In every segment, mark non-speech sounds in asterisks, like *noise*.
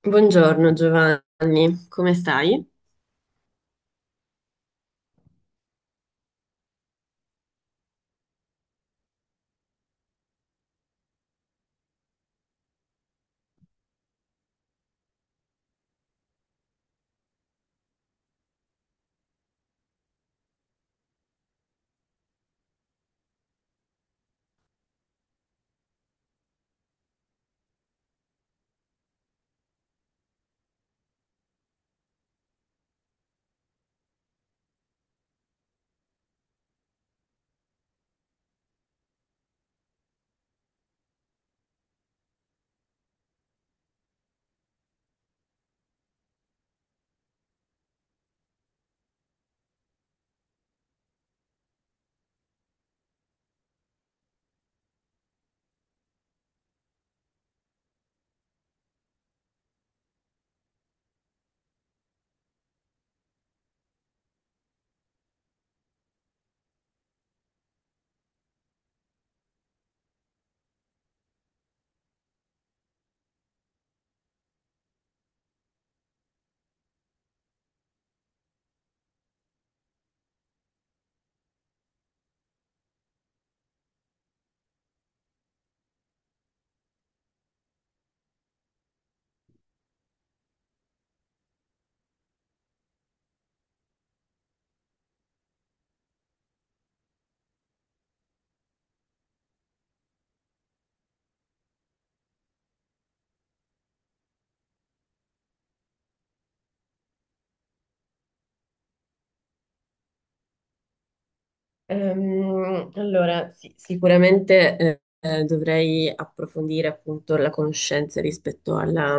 Buongiorno Giovanni, come stai? Allora, sì, sicuramente, dovrei approfondire appunto la conoscenza rispetto alla,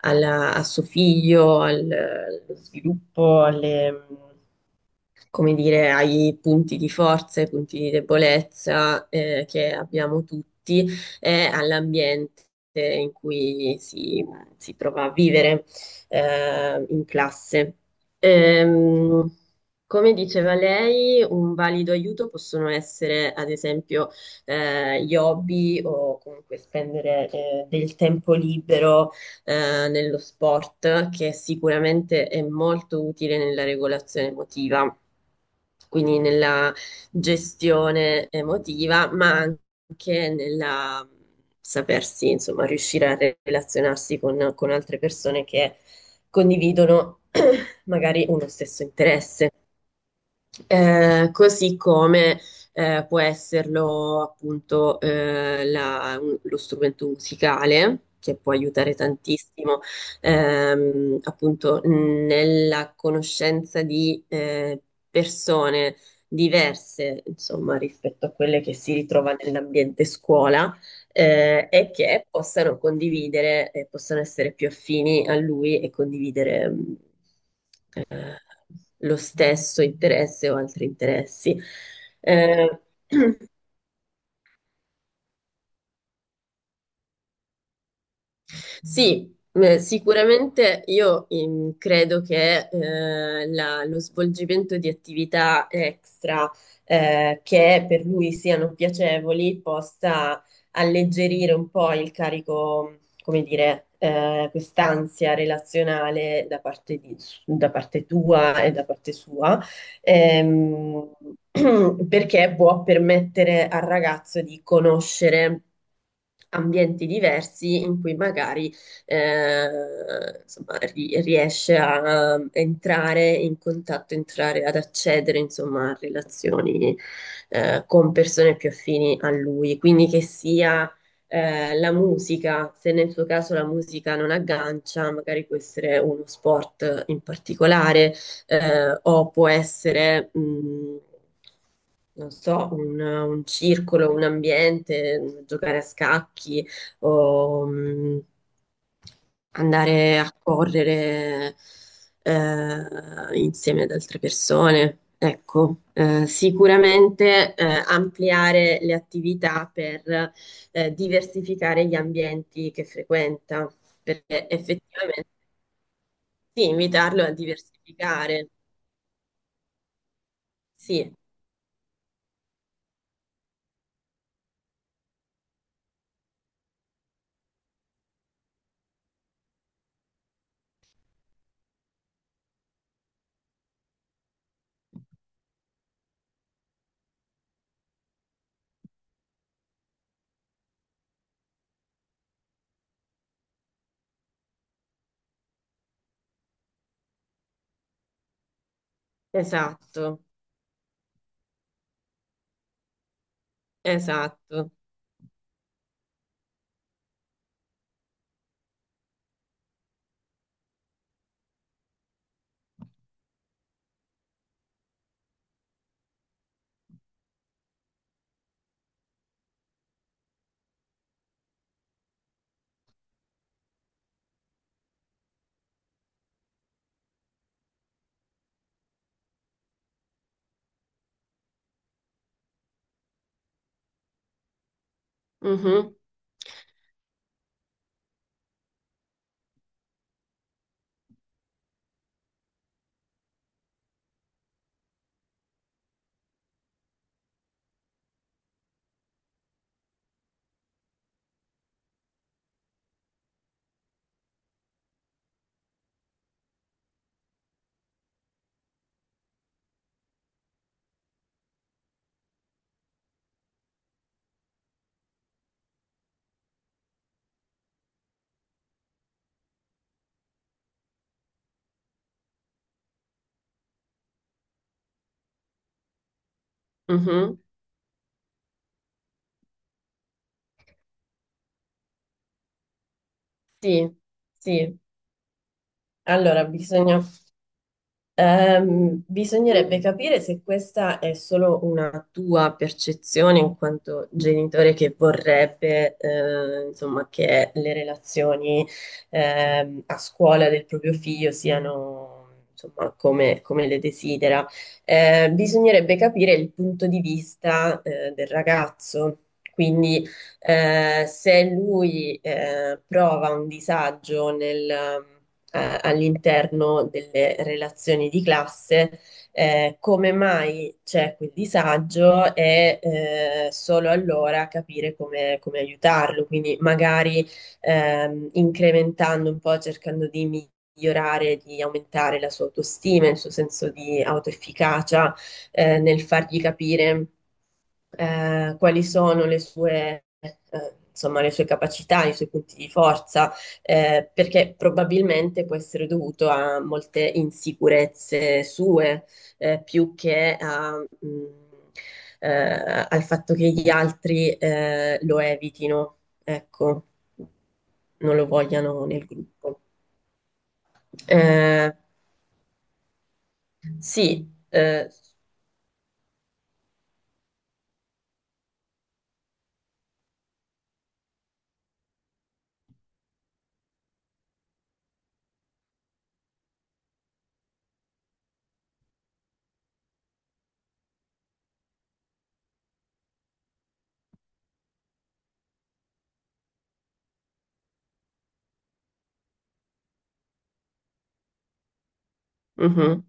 a suo figlio, allo sviluppo, alle, come dire, ai punti di forza, ai punti di debolezza, che abbiamo tutti e all'ambiente in cui si trova a vivere, in classe. Ehm, Come diceva lei, un valido aiuto possono essere, ad esempio, gli hobby o comunque spendere del tempo libero, nello sport, che sicuramente è molto utile nella regolazione emotiva, quindi nella gestione emotiva, ma anche nella sapersi, insomma, riuscire a relazionarsi con altre persone che condividono *clears throat* magari uno stesso interesse. Così come può esserlo appunto lo strumento musicale, che può aiutare tantissimo, appunto nella conoscenza di persone diverse, insomma, rispetto a quelle che si ritrova nell'ambiente scuola, e che possano condividere, e possano essere più affini a lui e condividere eh, lo stesso interesse o altri interessi. Eh, Sì, sicuramente io, credo che lo svolgimento di attività extra, che per lui siano piacevoli possa alleggerire un po' il carico, come dire, quest'ansia relazionale da parte tua e da parte sua ehm, *clears throat* perché può permettere al ragazzo di conoscere ambienti diversi in cui magari, insomma, riesce a entrare in contatto, entrare ad accedere, insomma, a relazioni, con persone più affini a lui, quindi che sia la musica, se nel suo caso la musica non aggancia, magari può essere uno sport in particolare, o può essere, non so, un circolo, un ambiente, giocare a scacchi o, andare a correre, insieme ad altre persone. Ecco, sicuramente ampliare le attività per diversificare gli ambienti che frequenta, perché effettivamente sì, invitarlo a diversificare, sì. Esatto, esatto. Mhm, mhm. Sì, sì. Allora, bisognerebbe capire se questa è solo una tua percezione in quanto genitore che vorrebbe, insomma, che le relazioni, a scuola del proprio figlio siano, insomma, come, come le desidera. Bisognerebbe capire il punto di vista, del ragazzo. Quindi, se lui prova un disagio all'interno delle relazioni di classe, come mai c'è quel disagio e, solo allora capire come, come aiutarlo, quindi magari, incrementando un po', cercando di migliorare, di aumentare la sua autostima, il suo senso di autoefficacia, nel fargli capire quali sono le sue, insomma, le sue capacità, i suoi punti di forza, perché probabilmente può essere dovuto a molte insicurezze sue, più che a, mh, al fatto che gli altri lo evitino, ecco, non lo vogliano nel gruppo. Eh sì, mhm,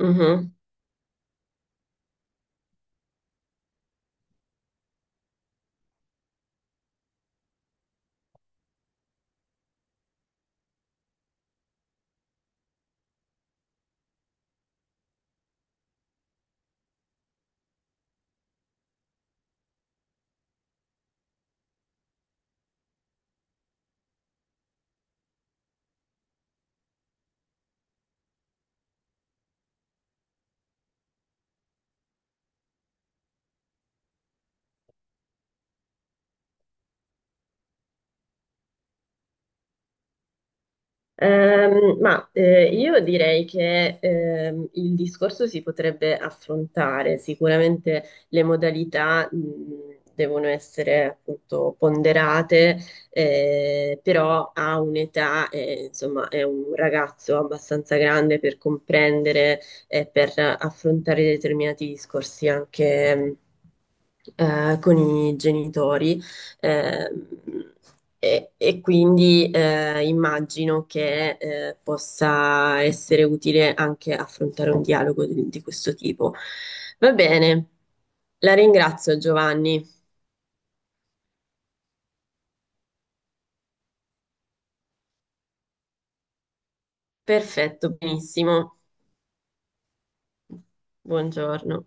mhm. Ma, io direi che, il discorso si potrebbe affrontare, sicuramente le modalità devono essere appunto ponderate, però ha un'età, insomma è un ragazzo abbastanza grande per comprendere e per affrontare determinati discorsi anche, con i genitori. Ehm, e, quindi immagino che possa essere utile anche affrontare un dialogo di questo tipo. Va bene, la ringrazio Giovanni. Perfetto, benissimo. Buongiorno.